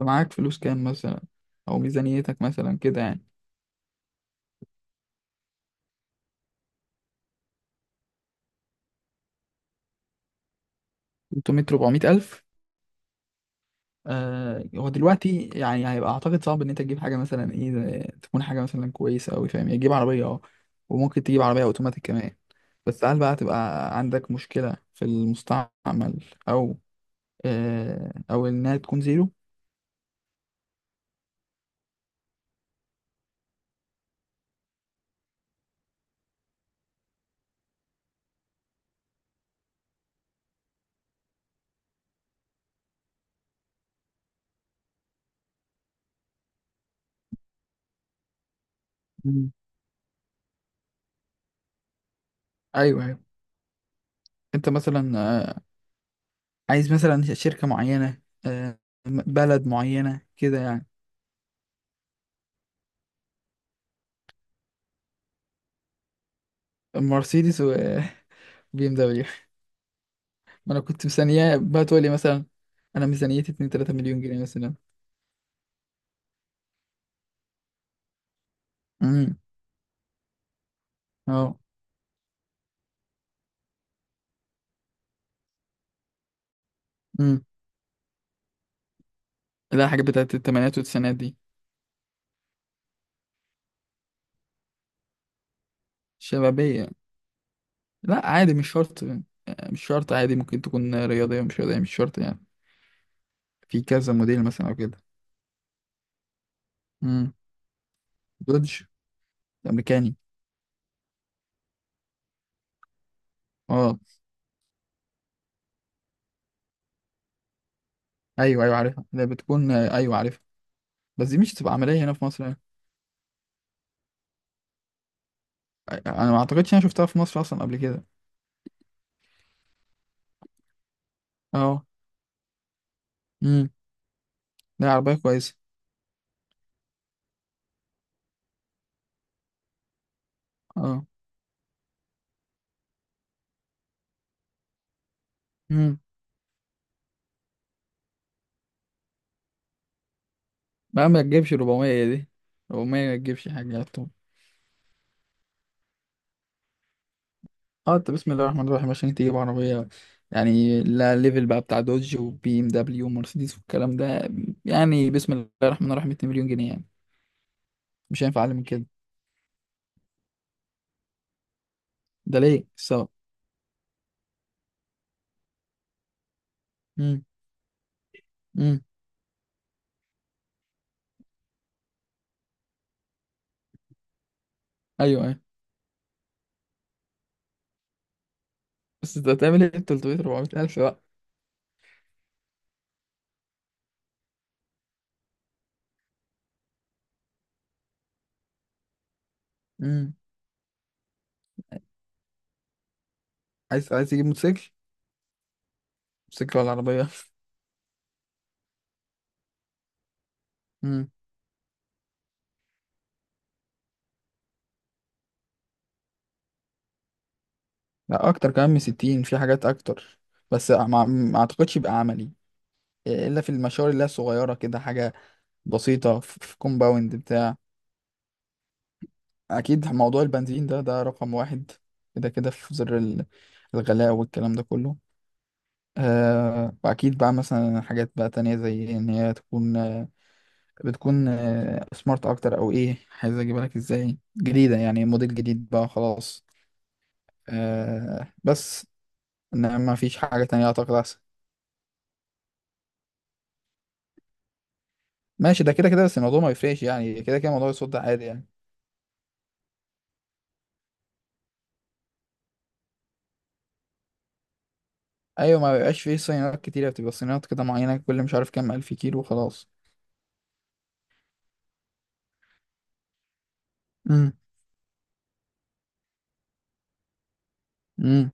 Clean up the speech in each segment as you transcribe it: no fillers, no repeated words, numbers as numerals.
معاك فلوس كام مثلا؟ او ميزانيتك مثلا كده يعني. 300 400 الف. هو دلوقتي يعني هيبقى اعتقد صعب ان انت تجيب حاجه مثلا ايه تكون حاجه مثلا كويسه قوي، فاهم يعني، تجيب عربيه اه، وممكن تجيب عربيه اوتوماتيك كمان. بس هل بقى تبقى عندك مشكله في المستعمل، او او انها تكون زيرو؟ مم. ايوه ايوه. انت مثلا عايز مثلا شركه معينه، بلد معينه كده يعني؟ مرسيدس و بي ام دبليو. ما انا كنت مستنياه بقى تقول لي مثلا انا ميزانيتي 2 3 مليون جنيه مثلا. امم، اه، امم. لا، حاجات بتاعت الثمانينات والتسعينات دي. شبابية؟ لا عادي، مش شرط يعني. مش شرط، عادي، ممكن تكون رياضية مش رياضية، مش شرط يعني. في كذا موديل مثلا او كده؟ امم. دودج الامريكاني. اه، ايوه ايوه عارفها، اللي بتكون، ايوه عارفها. بس دي مش تبقى عملية هنا في مصر يعني. انا ما اعتقدش انا شفتها في مصر اصلا قبل كده. اه، امم. لا، عربية كويسة. اه، امم. ما تجيبش 400 دي. 400 ما تجيبش حاجة على طول. اه، انت بسم الله الرحمن الرحيم عشان تجيب عربية. يعني لا، ليفل بقى بتاع دوج وبي ام دبليو ومرسيدس والكلام ده. يعني بسم الله الرحمن الرحيم 2 مليون جنيه يعني. مش هينفع اقل من كده. ده ليه السبب. امم، امم، ايوه ايوه. بس انت هتعمل ايه ب 300 400 الف بقى؟ امم. عايز تجيب موتوسيكل؟ موتوسيكل ولا عربية؟ امم. لا، اكتر كمان من 60، في حاجات اكتر. بس ما اعتقدش يبقى عملي الا في المشاوير اللي هي صغيره كده، حاجه بسيطة، في كومباوند بتاع. أكيد موضوع البنزين ده رقم واحد. كده كده في زر الغلاء والكلام ده كله. وأكيد بقى مثلا حاجات بقى تانية زي إن هي تكون بتكون سمارت أكتر، أو إيه عايز أجيبها لك إزاي؟ جديدة يعني، موديل جديد بقى خلاص. بس إنما ما فيش حاجة تانية أعتقد أحسن. ماشي، ده كده كده بس الموضوع ما يفرقش يعني، كده كده موضوع الصوت ده عادي يعني. أيوة، ما بيبقاش فيه صينيات كتيرة، بتبقى صينيات كده معينة كل مش عارف كام ألف كيلو وخلاص. امم.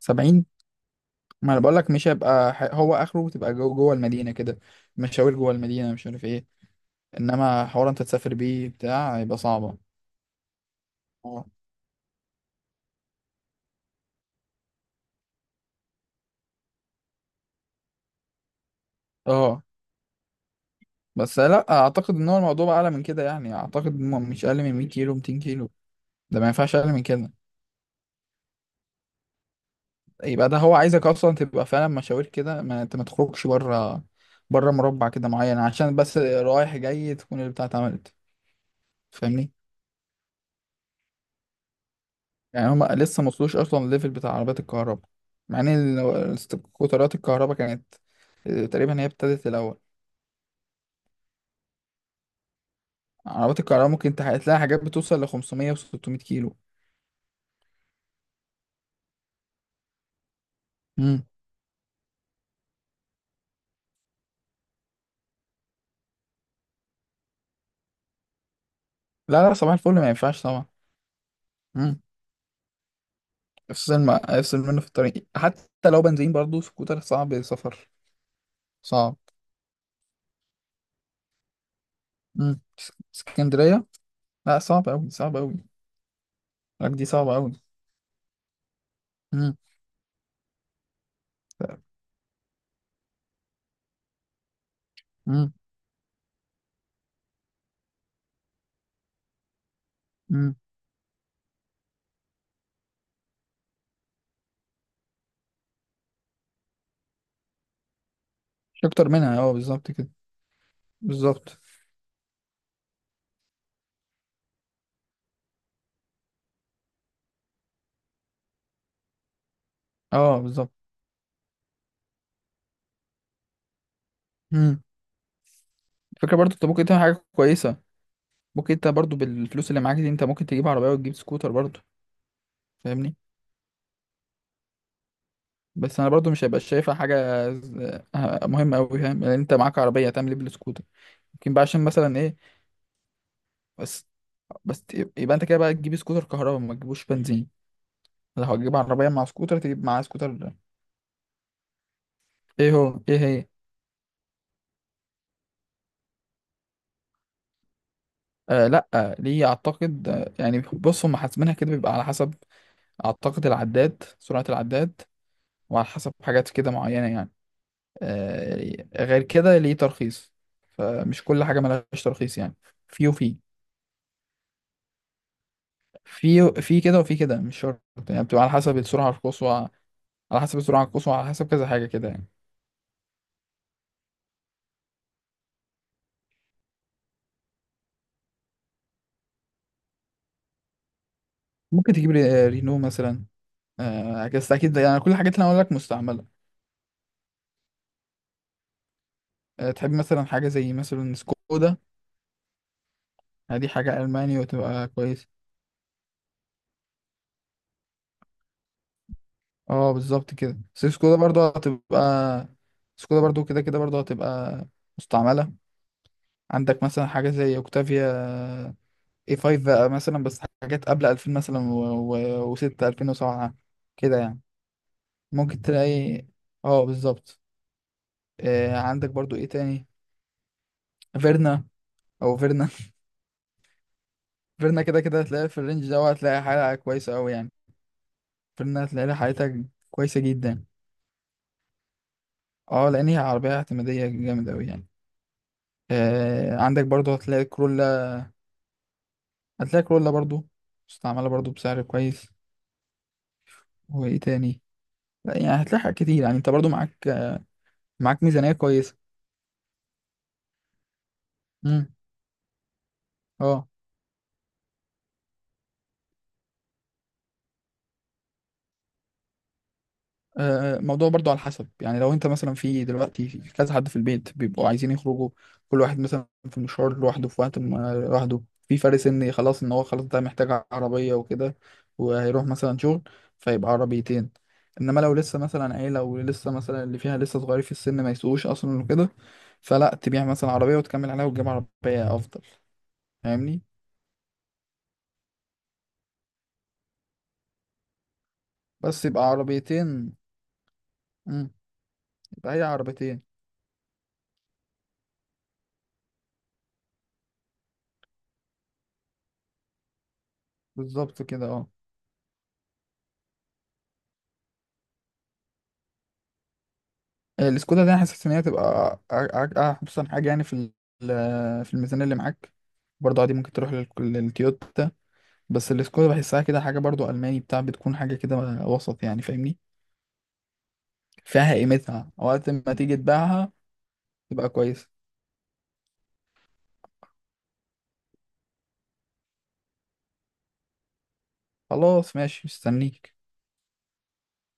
70. ما انا بقول لك مش هيبقى هو اخره تبقى جوه المدينه كده. مشاوير جوه المدينه مش عارف ايه. انما حوار انت تسافر بيه بتاع هيبقى صعبه. اه اه. بس لا، اعتقد ان هو الموضوع بقى اعلى من كده يعني، اعتقد مش اقل من 100 كيلو 200 كيلو. ده ما ينفعش اقل من كده. يبقى ده هو عايزك اصلا تبقى فعلا مشاوير كده، ما انت ما تخرجش بره. بره مربع كده معين عشان بس رايح جاي تكون البتاع اتعملت. فاهمني. يعني هما لسه ما وصلوش اصلا الليفل بتاع عربيات الكهرباء، مع ان سكوترات الكهرباء كانت آه، تقريبا هي ابتدت الاول. عربيات الكهرباء ممكن تلاقي حاجات بتوصل ل 500 و600 كيلو. امم. لا لا، صباح الفل، ما ينفعش طبعا. امم. افصل ما افصل منه في الطريق، حتى لو بنزين برضه سكوتر صعب سفر. صعب. امم. اسكندريه. لا، صعب قوي صعب قوي. راك دي صعبه قوي. امم، امم، امم. مش اكتر منها، اه بالظبط كده. بالظبط. اه بالظبط. الفكرة برضو انت ممكن تعمل حاجة كويسة. ممكن انت برضو بالفلوس اللي معاك دي انت ممكن تجيب عربية وتجيب سكوتر برضو. فاهمني. بس انا برضو مش هبقى شايفها حاجة مهمة اوي، فاهم؟ لان انت معاك عربية هتعمل ايه بالسكوتر؟ ممكن بقى عشان مثلا ايه. بس بس يبقى انت كده بقى تجيب سكوتر كهرباء ما تجيبوش بنزين. لو هتجيب عربية مع سكوتر تجيب معاه سكوتر. ايه هو، ايه هي؟ لا، ليه؟ اعتقد يعني بص، هم حاسبينها كده بيبقى على حسب اعتقد العداد، سرعة العداد، وعلى حسب حاجات كده معينة يعني. غير كده ليه ترخيص. فمش كل حاجة ملهاش ترخيص يعني. في وفي، في كده وفي كده، مش شرط يعني، بتبقى على حسب السرعة القصوى، على حسب السرعة القصوى، على حسب كذا حاجة كده يعني. ممكن تجيب رينو مثلا، بس أكيد يعني كل الحاجات اللي أنا هقول لك مستعملة. تحب مثلا حاجة زي مثلا سكودا. يعني دي حاجة ألماني وتبقى كويس. اه بالظبط كده. بس سكودا برضو هتبقى، سكودا برضو كده كده برضو هتبقى مستعملة. عندك مثلا حاجة زي أوكتافيا، اي 5 بقى مثلا، بس حاجات قبل 2000 مثلا، و6 2007 كده يعني. ممكن تلاقي. اه بالظبط. عندك برضو ايه تاني. فيرنا، او فيرنا فيرنا كده كده هتلاقي في الرينج ده، هتلاقي حالة كويسة قوي يعني. فيرنا هتلاقي لها حالتها كويسة جدا. اه، لان هي عربية اعتمادية جامد قوي يعني. عندك برضو هتلاقي كرولا، هتلاقي كرولا برضو مستعملة برضو بسعر كويس. وايه تاني؟ لا يعني هتلاقي حاجات كتير يعني، انت برضو معاك ميزانية كويسة. امم. اه. الموضوع برضو على حسب يعني، لو انت مثلا في دلوقتي في كذا حد في البيت بيبقوا عايزين يخرجوا، كل واحد مثلا في مشوار لوحده في وقت لوحده، في فرق سني خلاص ان هو خلاص ده محتاج عربية وكده، وهيروح مثلا شغل، فيبقى عربيتين. انما لو لسه مثلا عيلة ولسه مثلا اللي فيها لسه صغير في السن ما يسوقوش اصلا وكده، فلا، تبيع مثلا عربية وتكمل عليها وتجيب عربية افضل. فاهمني. بس يبقى عربيتين. مم، يبقى هي عربيتين. بالظبط كده اه. السكودا ده انا حاسس ان هي تبقى احسن حاجه يعني في في الميزانيه اللي معاك. برضه عادي ممكن تروح للتويوتا. بس السكودا بحسها كده حاجه برضه الماني بتاع، بتكون حاجه كده وسط يعني فاهمني. فيها قيمتها وقت ما تيجي تبيعها، تبقى كويسه. خلاص ماشي، مستنيك.